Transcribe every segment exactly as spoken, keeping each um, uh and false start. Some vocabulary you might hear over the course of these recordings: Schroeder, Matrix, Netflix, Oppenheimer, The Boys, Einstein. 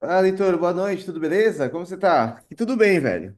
Ah, Leitor, boa noite, tudo beleza? Como você tá? E tudo bem, velho.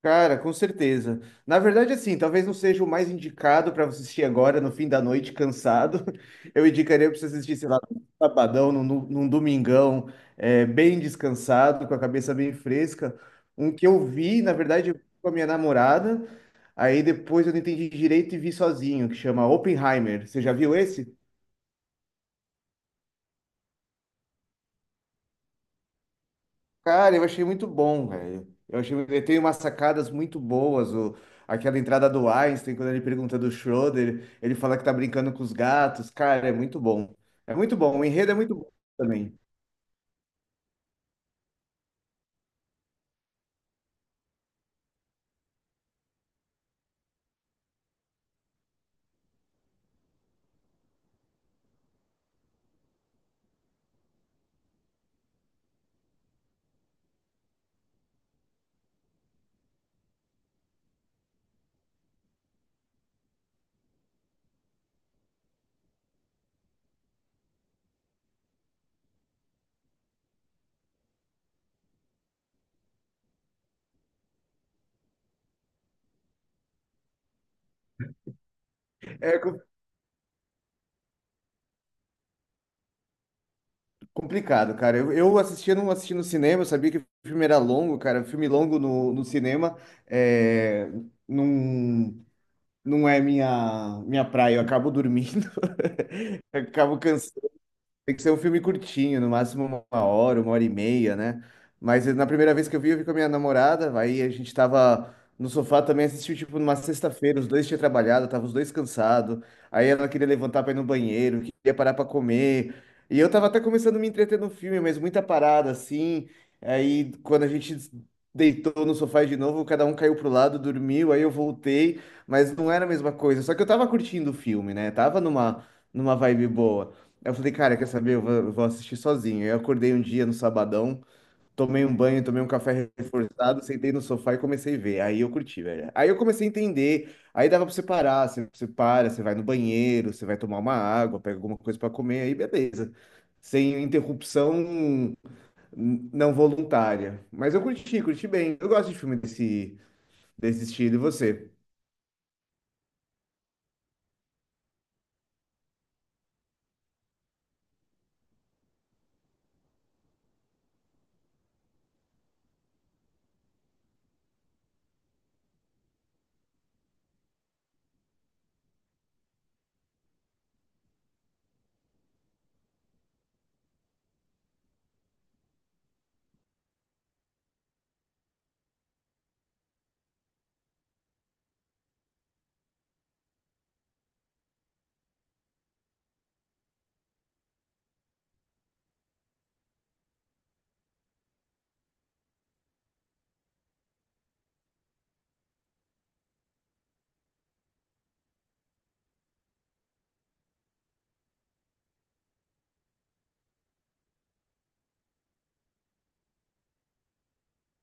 Cara, com certeza. Na verdade, assim, talvez não seja o mais indicado para você assistir agora, no fim da noite, cansado. Eu indicaria para você assistir, sei lá, num sabadão, num, num domingão, é, bem descansado, com a cabeça bem fresca. Um que eu vi, na verdade, eu vi com a minha namorada, aí depois eu não entendi direito e vi sozinho, que chama Oppenheimer. Você já viu esse? Cara, eu achei muito bom, velho. Eu achei, ele tem umas sacadas muito boas. O, aquela entrada do Einstein, quando ele pergunta do Schroeder, ele fala que tá brincando com os gatos. Cara, é muito bom. É muito bom. O enredo é muito bom também. É co- Complicado, cara. Eu, eu assistia, não assisti no cinema, eu sabia que o filme era longo, cara. Filme longo no, no cinema é, não, não é minha, minha praia. Eu acabo dormindo, acabo. Tem que ser um filme curtinho, no máximo uma hora, uma hora e meia, né? Mas na primeira vez que eu vi, eu vi com a minha namorada, aí a gente tava no sofá também, assistiu tipo numa sexta-feira, os dois tinham trabalhado, tava os dois cansados, aí ela queria levantar pra ir no banheiro, queria parar pra comer, e eu tava até começando a me entreter no filme, mas muita parada assim, aí quando a gente deitou no sofá de novo, cada um caiu pro lado, dormiu, aí eu voltei, mas não era a mesma coisa, só que eu tava curtindo o filme, né? Tava numa, numa vibe boa. Aí eu falei, cara, quer saber? Eu vou, eu vou assistir sozinho. Eu acordei um dia no sabadão, tomei um banho, tomei um café reforçado, sentei no sofá e comecei a ver. Aí eu curti, velho. Aí eu comecei a entender. Aí dava pra você parar, você, você para, você vai no banheiro, você vai tomar uma água, pega alguma coisa pra comer, aí beleza. Sem interrupção hum, não voluntária. Mas eu curti, curti bem. Eu gosto de filme desse, desse estilo, e você?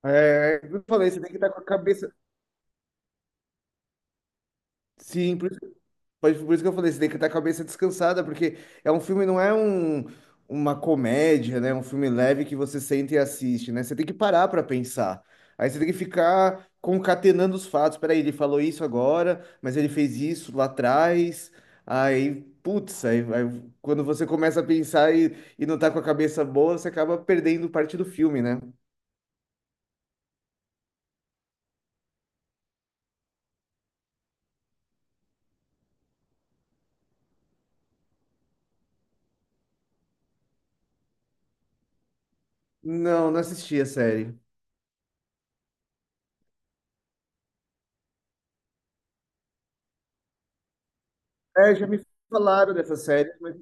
É, eu falei, você tem que estar com a cabeça. Sim. Pode- Por isso que eu falei, você tem que estar com a cabeça descansada, porque é um filme, não é um, uma comédia, né? É um filme leve que você senta e assiste, né? Você tem que parar para pensar. Aí você tem que ficar concatenando os fatos. Peraí, ele falou isso agora, mas ele fez isso lá atrás. Aí, putz, aí, aí quando você começa a pensar e, e não tá com a cabeça boa, você acaba perdendo parte do filme, né? Não, não assisti a série. É, já me falaram dessa série, mas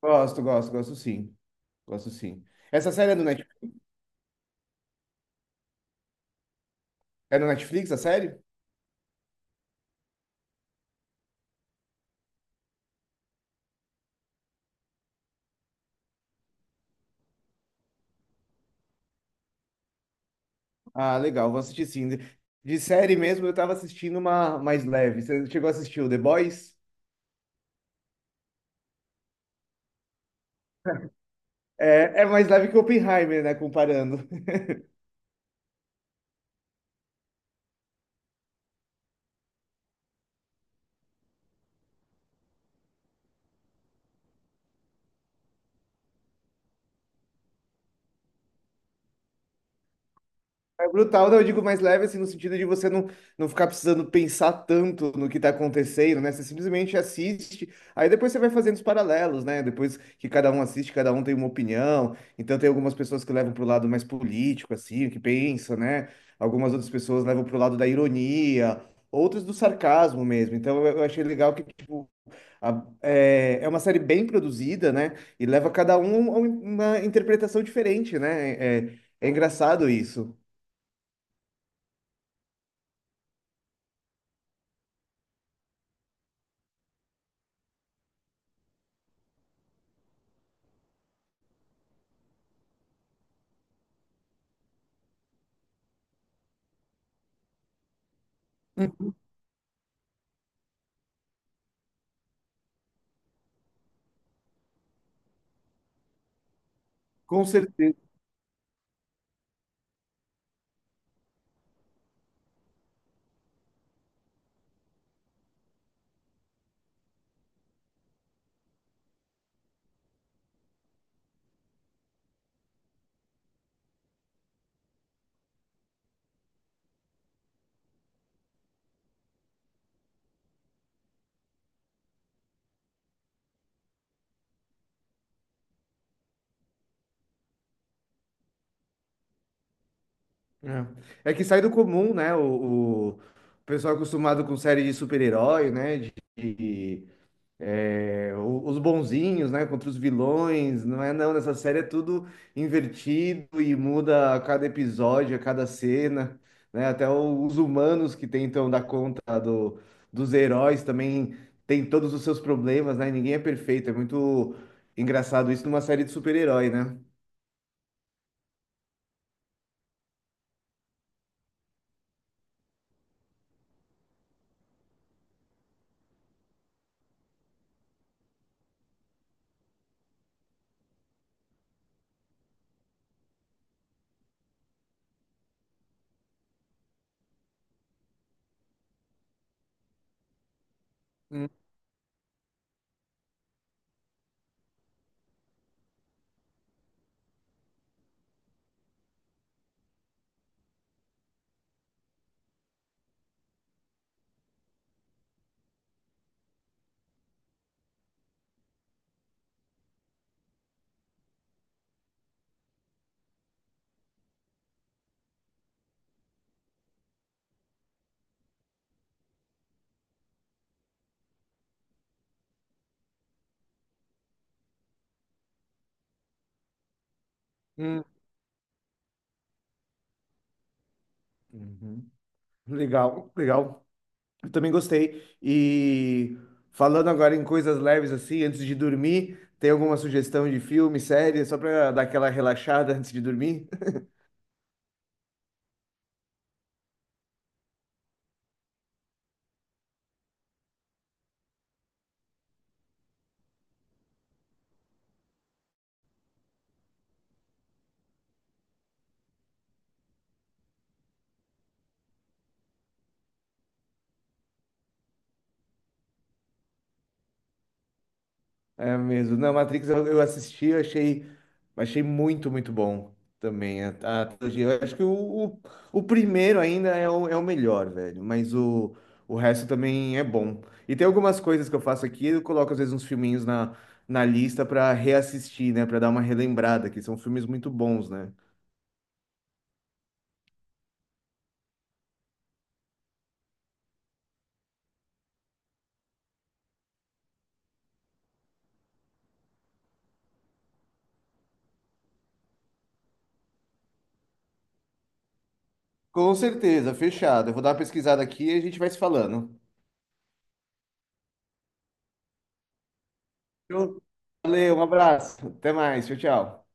gosto, gosto, gosto sim. Gosto sim. Essa série é do Netflix? É na Netflix a série? Ah, legal, vou assistir sim. De de série mesmo, eu tava assistindo uma mais leve. Você chegou a assistir o The Boys? É, é mais leve que Oppenheimer, né? Comparando. É brutal, não, eu digo mais leve, assim, no sentido de você não, não ficar precisando pensar tanto no que tá acontecendo, né? Você simplesmente assiste, aí depois você vai fazendo os paralelos, né? Depois que cada um assiste, cada um tem uma opinião. Então tem algumas pessoas que levam pro lado mais político, assim, que pensa, né? Algumas outras pessoas levam pro lado da ironia, outras do sarcasmo mesmo. Então eu eu achei legal que, tipo, a- é, é uma série bem produzida, né? E leva cada um a um- uma interpretação diferente, né? É, é engraçado isso. Com certeza. É. É que sai do comum, né? O, o pessoal acostumado com série de super-herói, né? De, de, é, o- os bonzinhos, né? Contra os vilões. Não é não, nessa série é tudo invertido e muda a cada episódio, a cada cena, né? Até o- os humanos que tentam dar conta do, dos heróis também têm todos os seus problemas, né? Ninguém é perfeito. É muito engraçado isso numa série de super-herói, né? Hum, hum. Uhum. Legal, legal. Eu também gostei. E falando agora em coisas leves assim, antes de dormir, tem alguma sugestão de filme, série, só para dar aquela relaxada antes de dormir? É mesmo. Não, Matrix eu, eu assisti, eu achei, achei muito, muito bom também a, a trilogia. Eu acho que o, o, o primeiro ainda é o, é o melhor, velho, mas o, o resto também é bom. E tem algumas coisas que eu faço aqui, eu coloco às vezes uns filminhos na, na lista pra reassistir, né? Pra dar uma relembrada, que são filmes muito bons, né? Com certeza, fechado. Eu vou dar uma pesquisada aqui e a gente vai se falando. Então, valeu, um abraço. Até mais. Tchau, tchau.